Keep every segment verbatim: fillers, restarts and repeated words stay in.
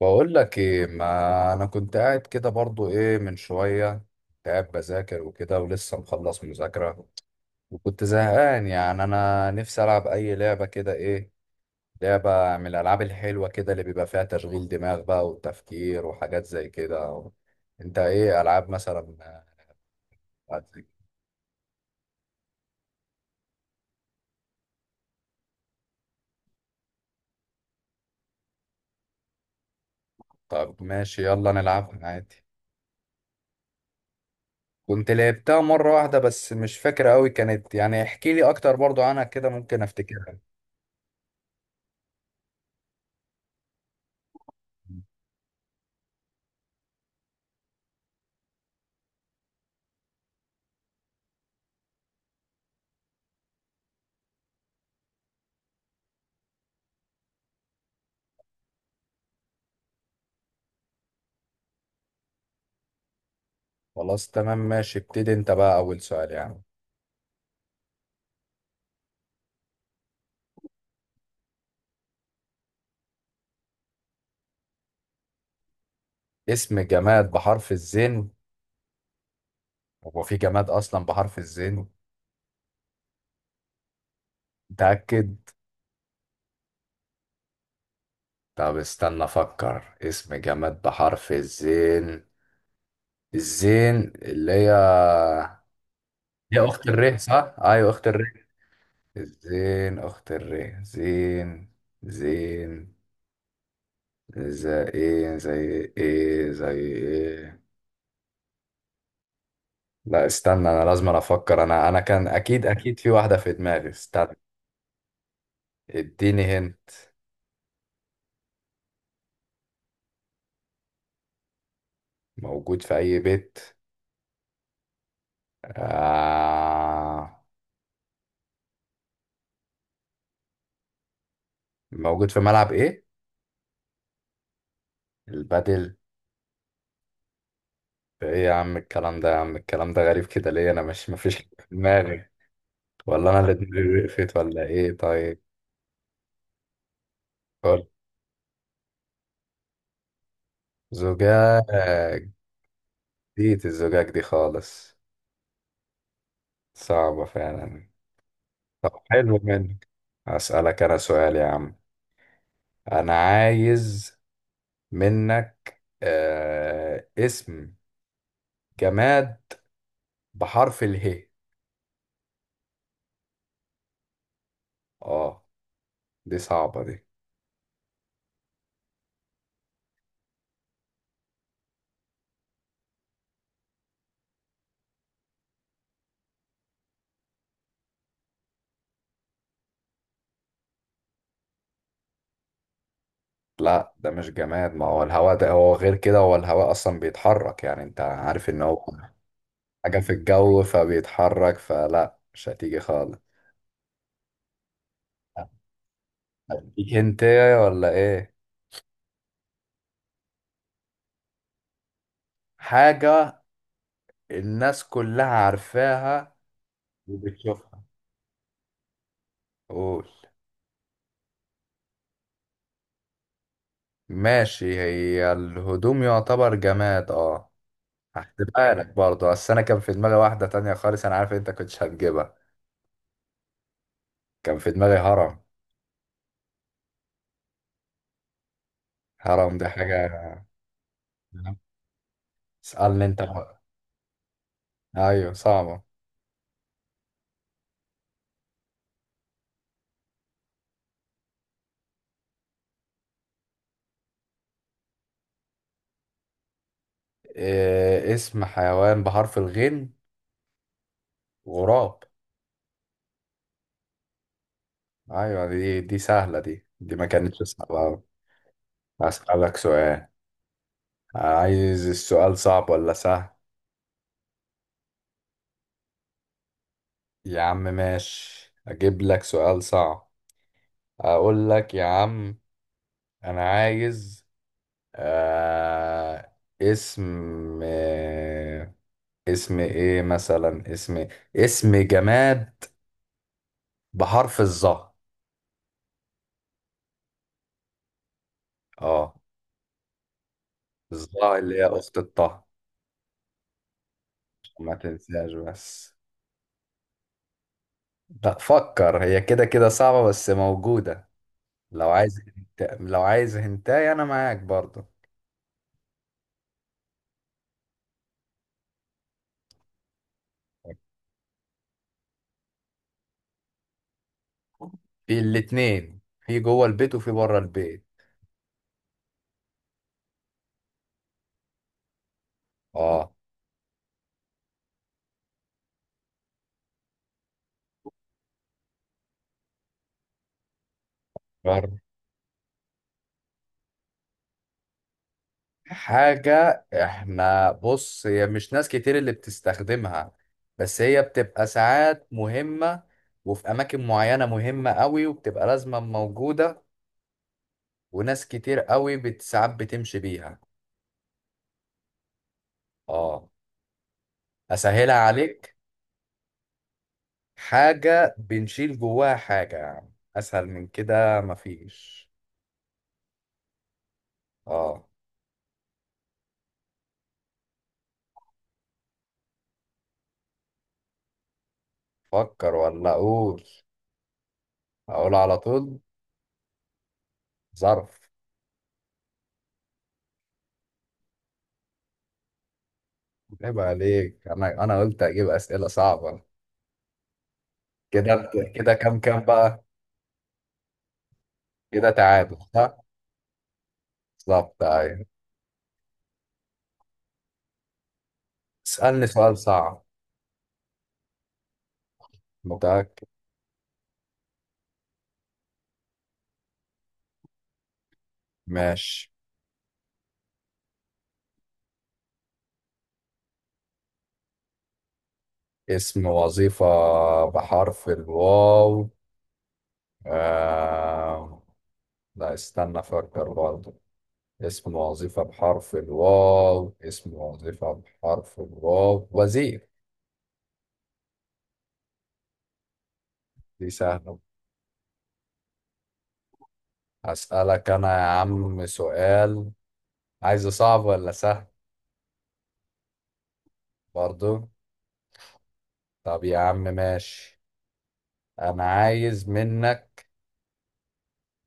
بقول لك ايه؟ ما انا كنت قاعد كده برضو ايه من شويه، كنت قاعد بذاكر وكده، ولسه مخلص مذاكره، وكنت زهقان. يعني انا نفسي العب اي لعبه كده، ايه لعبه من الالعاب الحلوه كده اللي بيبقى فيها تشغيل دماغ بقى وتفكير وحاجات زي كده. انت ايه العاب مثلا؟ طب ماشي، يلا نلعبها عادي. كنت لعبتها مره واحده بس مش فاكره قوي كانت، يعني احكي لي اكتر برضو عنها كده ممكن افتكرها. خلاص تمام ماشي، ابتدي انت بقى اول سؤال يعني. اسم جماد بحرف الزين؟ هو في جماد اصلا بحرف الزين؟ متأكد؟ طب استنى افكر اسم جماد بحرف الزين. الزين اللي هي هي اخت الره، صح؟ ايوه اخت الره. الزين اخت الره. زين. زين. زي ايه زي ايه زي ايه. لا استنى، انا لازم أنا افكر، انا انا كان اكيد اكيد في واحدة في دماغي، استنى. اديني هنا. موجود في أي بيت؟ آه. موجود في ملعب إيه؟ البادل؟ إيه يا عم الكلام ده، يا عم الكلام ده غريب كده ليه؟ أنا مش، مفيش حاجة في دماغي، ولا أنا اللي دماغي وقفت؟ ولا إيه؟ طيب قول. زجاج؟ جديد الزجاج دي خالص. صعبة فعلا. طب حلو منك. أسألك أنا سؤال يا عم. أنا عايز منك آه اسم جماد بحرف اله. اه، دي صعبة دي. لا ده مش جماد، ما هو الهواء ده هو غير كده، هو الهواء اصلا بيتحرك، يعني انت عارف ان هو حاجة في الجو فبيتحرك، فلا مش هتيجي خالص. هتيجي هنتايه ولا ايه؟ حاجة الناس كلها عارفاها وبتشوفها. قول. ماشي، هي الهدوم يعتبر جماد اه. هحسبها لك برضه، بس انا كان في دماغي واحدة تانية خالص، انا عارف انت كنتش هتجيبها. كان في دماغي هرم. هرم دي حاجة. اسألني انت بقى. ايوه صعبة. إيه اسم حيوان بحرف الغين؟ غراب. ايوه دي دي سهله، دي دي ما كانتش صعبه أوي. هسألك سؤال. عايز السؤال صعب ولا سهل؟ يا عم ماشي اجيب لك سؤال صعب، اقول لك يا عم، انا عايز آه اسم، آه اسم ايه مثلا، اسم، اسم جماد بحرف الظا. اه. الظا اللي هي اخت الطه، عشان ما تنساش بس. لا فكر، هي كده كده صعبة بس موجودة. لو عايز هنت... لو عايز هنتاي انا معاك برضه. في الاتنين، في جوه البيت وفي بره البيت. اه بره. حاجة احنا، بص، هي مش ناس كتير اللي بتستخدمها، بس هي بتبقى ساعات مهمة، وفي أماكن معينة مهمة قوي وبتبقى لازمة موجودة، وناس كتير قوي بت- ساعات بتمشي بيها. اه، أسهلها عليك. حاجة بنشيل جواها حاجة يا عم، أسهل من كده مفيش. اه. فكر ولا أقول؟ أقول على طول. ظرف. عيب عليك، أنا أنا قلت أجيب أسئلة صعبة. كده أنت- كده كام كام بقى؟ كده تعادل صح، بالظبط أيوة. اسألني سؤال صعب. متأكد. ماشي. اسم وظيفة بحرف الواو. آه... لا استنى أفكر برضه، اسم وظيفة بحرف الواو، اسم وظيفة بحرف الواو، وزير. دي سهلة. أسألك أنا يا عم سؤال. عايزه صعب ولا سهل؟ برضو؟ طب يا عم ماشي، أنا عايز منك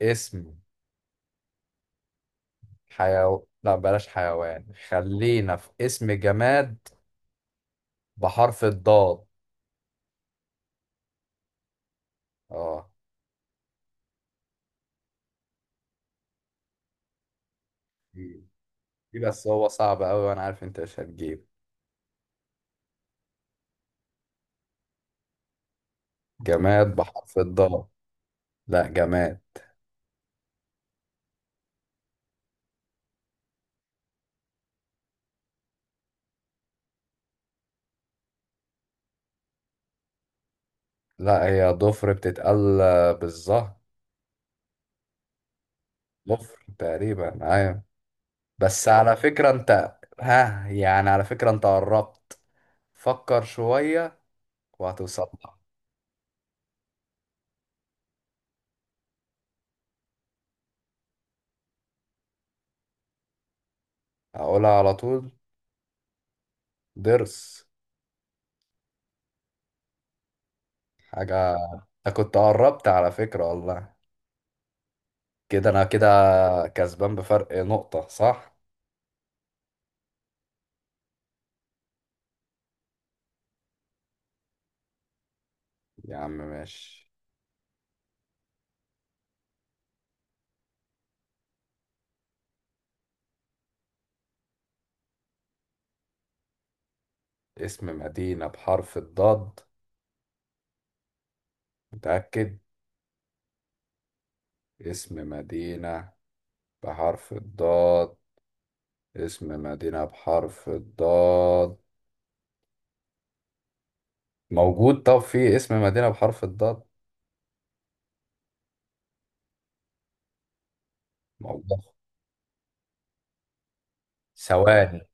اسم حيو... لا بلاش حيوان، خلينا في اسم جماد بحرف الضاد. اه، دي دي بس هو صعب أوي، وأنا عارف أنت مش هتجيب. جماد بحرف الضاد. لا جماد. لا هي ضفر بتتقال بالظهر. ضفر تقريبا ايوه. بس على فكرة انت ها، يعني على فكرة انت قربت. فكر شوية وهتوصل لها. هقولها على طول. ضرس. حاجة، انت كنت قربت على فكرة والله. كده انا كده كسبان بفرق نقطة صح. يا عم ماشي. اسم مدينة بحرف الضاد. متأكد. اسم مدينة بحرف الضاد. اسم مدينة بحرف الضاد. موجود؟ طب في اسم مدينة بحرف الضاد موجود؟ ثواني.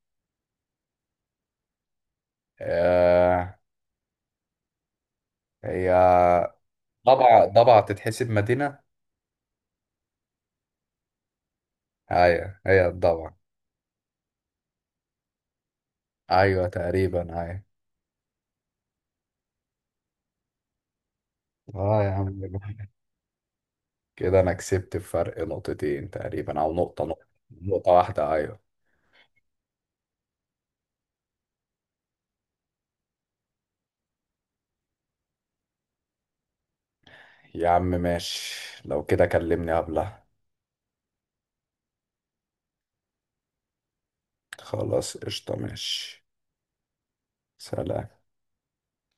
آه. هي ضبع؟ ضبع تتحسب مدينة؟ ايوه هي الضبع. ايوه تقريبا ايوه. اه يا عم. كده انا كسبت بفرق نقطتين تقريبا، او نقطة، نقطة نقطة واحدة ايوه. يا عم ماشي، لو كده كلمني قبلها. خلاص قشطة ماشي. سلام.